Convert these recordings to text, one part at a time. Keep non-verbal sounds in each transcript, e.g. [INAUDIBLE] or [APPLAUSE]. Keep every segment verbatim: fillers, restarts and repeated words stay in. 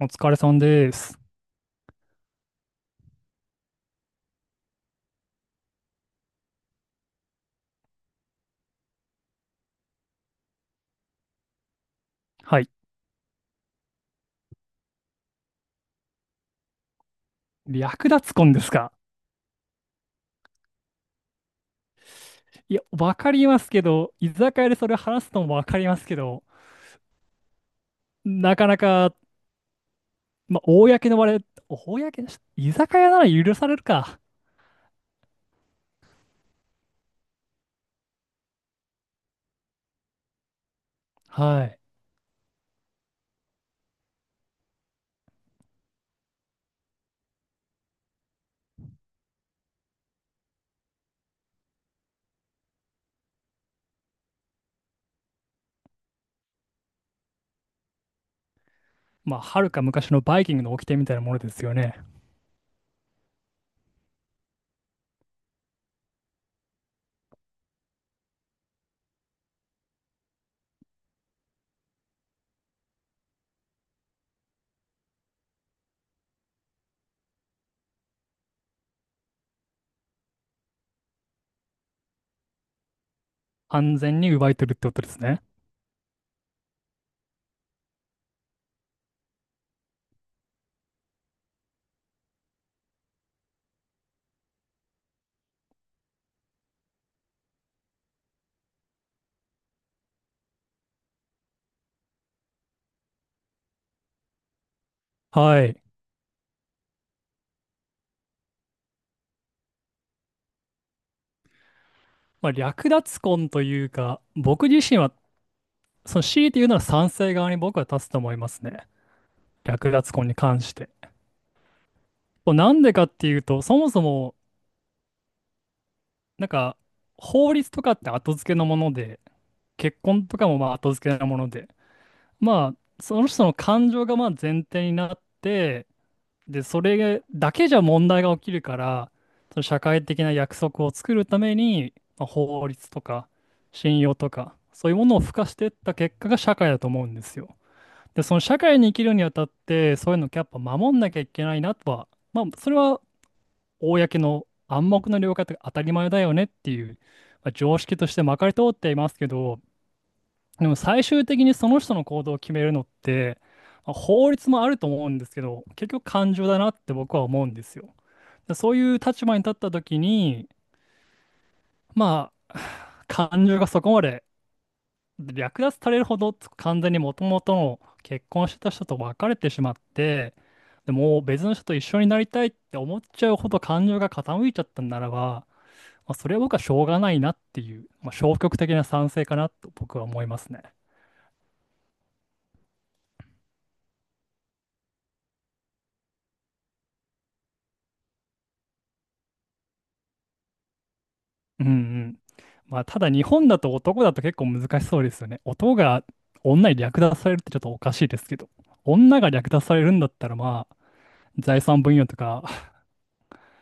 お疲れさんです。はい。略奪婚ですか。いや、わかりますけど、居酒屋でそれ話すのもわかりますけど、なかなか、まあ、公の場で、公のし、居酒屋なら許されるか。はい。まあ、はるか昔のバイキングの掟みたいなものですよね。安全に奪い取るってことですね。はい。まあ、略奪婚というか、僕自身は、その強いて言うなら賛成側に僕は立つと思いますね。略奪婚に関して。こうなんでかっていうと、そもそも、なんか、法律とかって後付けのもので、結婚とかもまあ後付けなもので、まあ、その人の感情がまあ前提になって、で、それだけじゃ問題が起きるから、その社会的な約束を作るために、まあ、法律とか信用とか、そういうものを付加していった結果が社会だと思うんですよ。で、その社会に生きるにあたって、そういうのをやっぱ守んなきゃいけないなとは、まあ、それは公の暗黙の了解とか当たり前だよねっていう、まあ常識としてまかり通っていますけど、でも最終的にその人の行動を決めるのって、まあ法律もあると思うんですけど、結局感情だなって僕は思うんですよ。でそういう立場に立った時に、まあ、[SIGHS] 感情がそこまで略奪されるほど完全にもともとの結婚してた人と別れてしまって、でもう別の人と一緒になりたいって思っちゃうほど感情が傾いちゃったんならば、まあ、それは僕はしょうがないなっていう、まあ、消極的な賛成かなと僕は思いますね。うんうん。まあ、ただ日本だと男だと結構難しそうですよね。男が女に略奪されるってちょっとおかしいですけど、女が略奪されるんだったらまあ、財産分与とか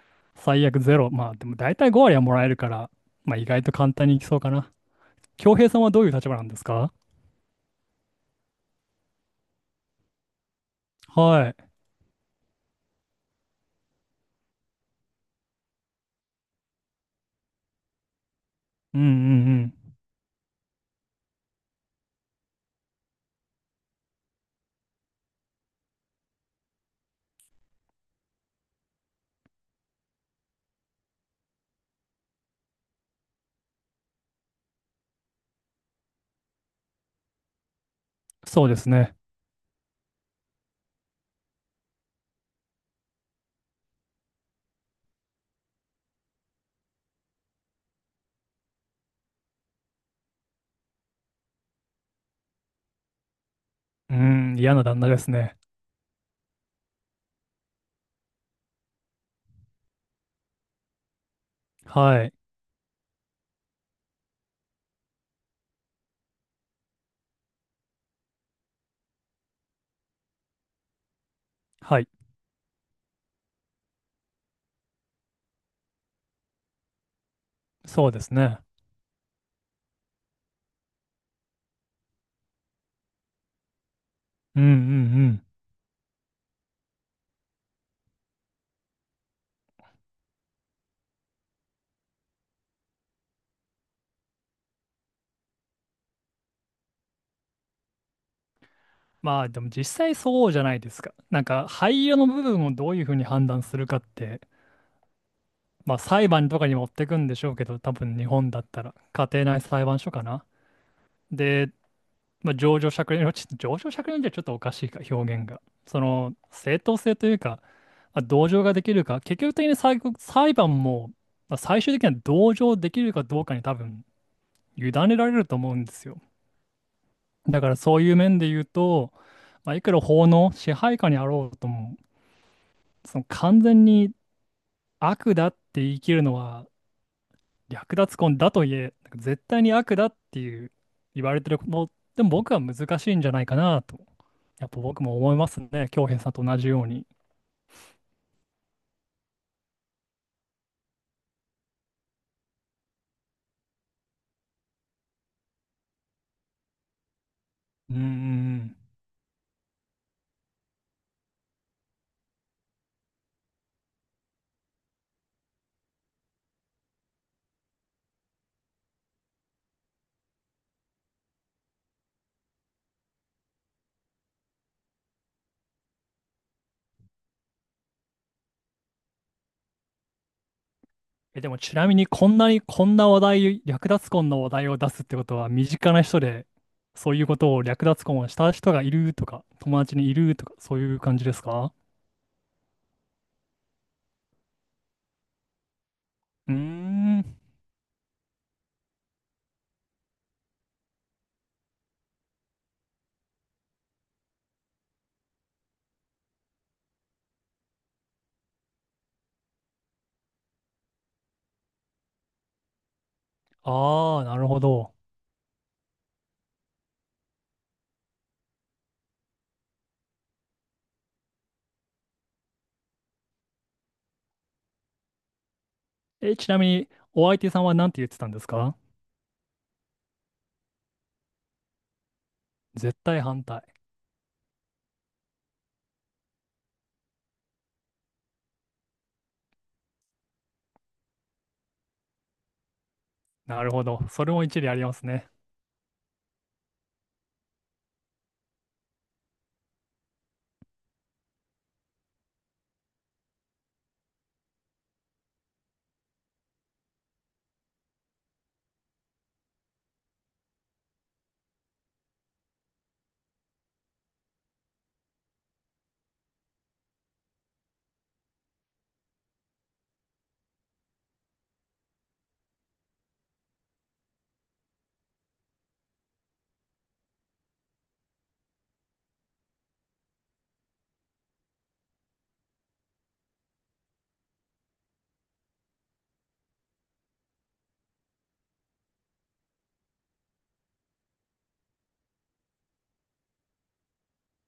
[LAUGHS] 最悪ゼロ、まあでも大体ごわり割はもらえるから、まあ意外と簡単にいきそうかな。恭平さんはどういう立場なんですか？はい。うんうんうん。そうですね。うん、嫌な旦那ですね。はい。はい。そうですね。うんうんうん。まあでも実際そうじゃないですか。なんか廃油の部分をどういうふうに判断するかって、まあ裁判とかに持ってくんでしょうけど、多分日本だったら家庭内裁判所かな。で、まあ、情状酌量、[LAUGHS] ちょっと情状酌量じゃちょっとおかしいか、表現が。その正当性というか、まあ、同情ができるか、結局的に最後、裁判も、まあ、最終的には同情できるかどうかに多分委ねられると思うんですよ。だからそういう面で言うと、まあ、いくら法の支配下にあろうとも、その完全に悪だって言い切るのは略奪婚だと言え、なんか絶対に悪だっていう言われてるの、でも僕は難しいんじゃないかなと、やっぱ僕も思いますね、京平さんと同じように。うんん。え、でもちなみにこんなにこんな話題、略奪婚の話題を出すってことは、身近な人でそういうことを略奪婚をした人がいるとか、友達にいるとか、そういう感じですか？うーん、ああ、なるほど。え、ちなみにお相手さんは何て言ってたんですか？絶対反対。なるほど。それも一理ありますね。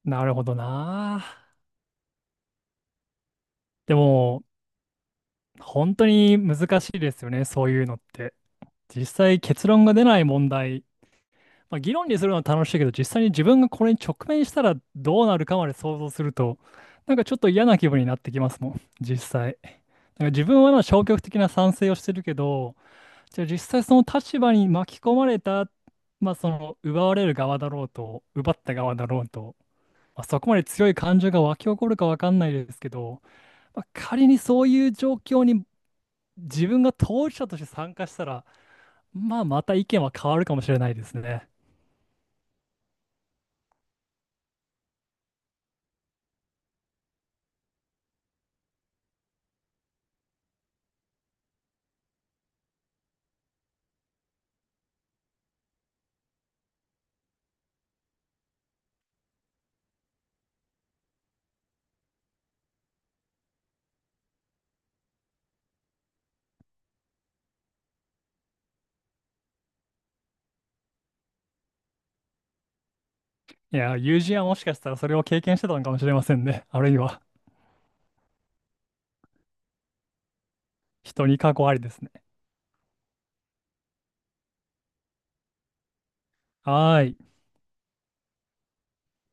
なるほどな。でも、本当に難しいですよね。そういうのって。実際結論が出ない問題。まあ、議論にするのは楽しいけど、実際に自分がこれに直面したらどうなるかまで想像すると、なんかちょっと嫌な気分になってきますもん。実際。なんか自分はまあ消極的な賛成をしてるけど、じゃあ実際その立場に巻き込まれた、まあその奪われる側だろうと、奪った側だろうと。まあ、そこまで強い感情が湧き起こるかわかんないですけど、まあ、仮にそういう状況に自分が当事者として参加したら、まあ、また意見は変わるかもしれないですね。いや、友人はもしかしたらそれを経験してたのかもしれませんね。あるいは、人に過去ありですね。はーい。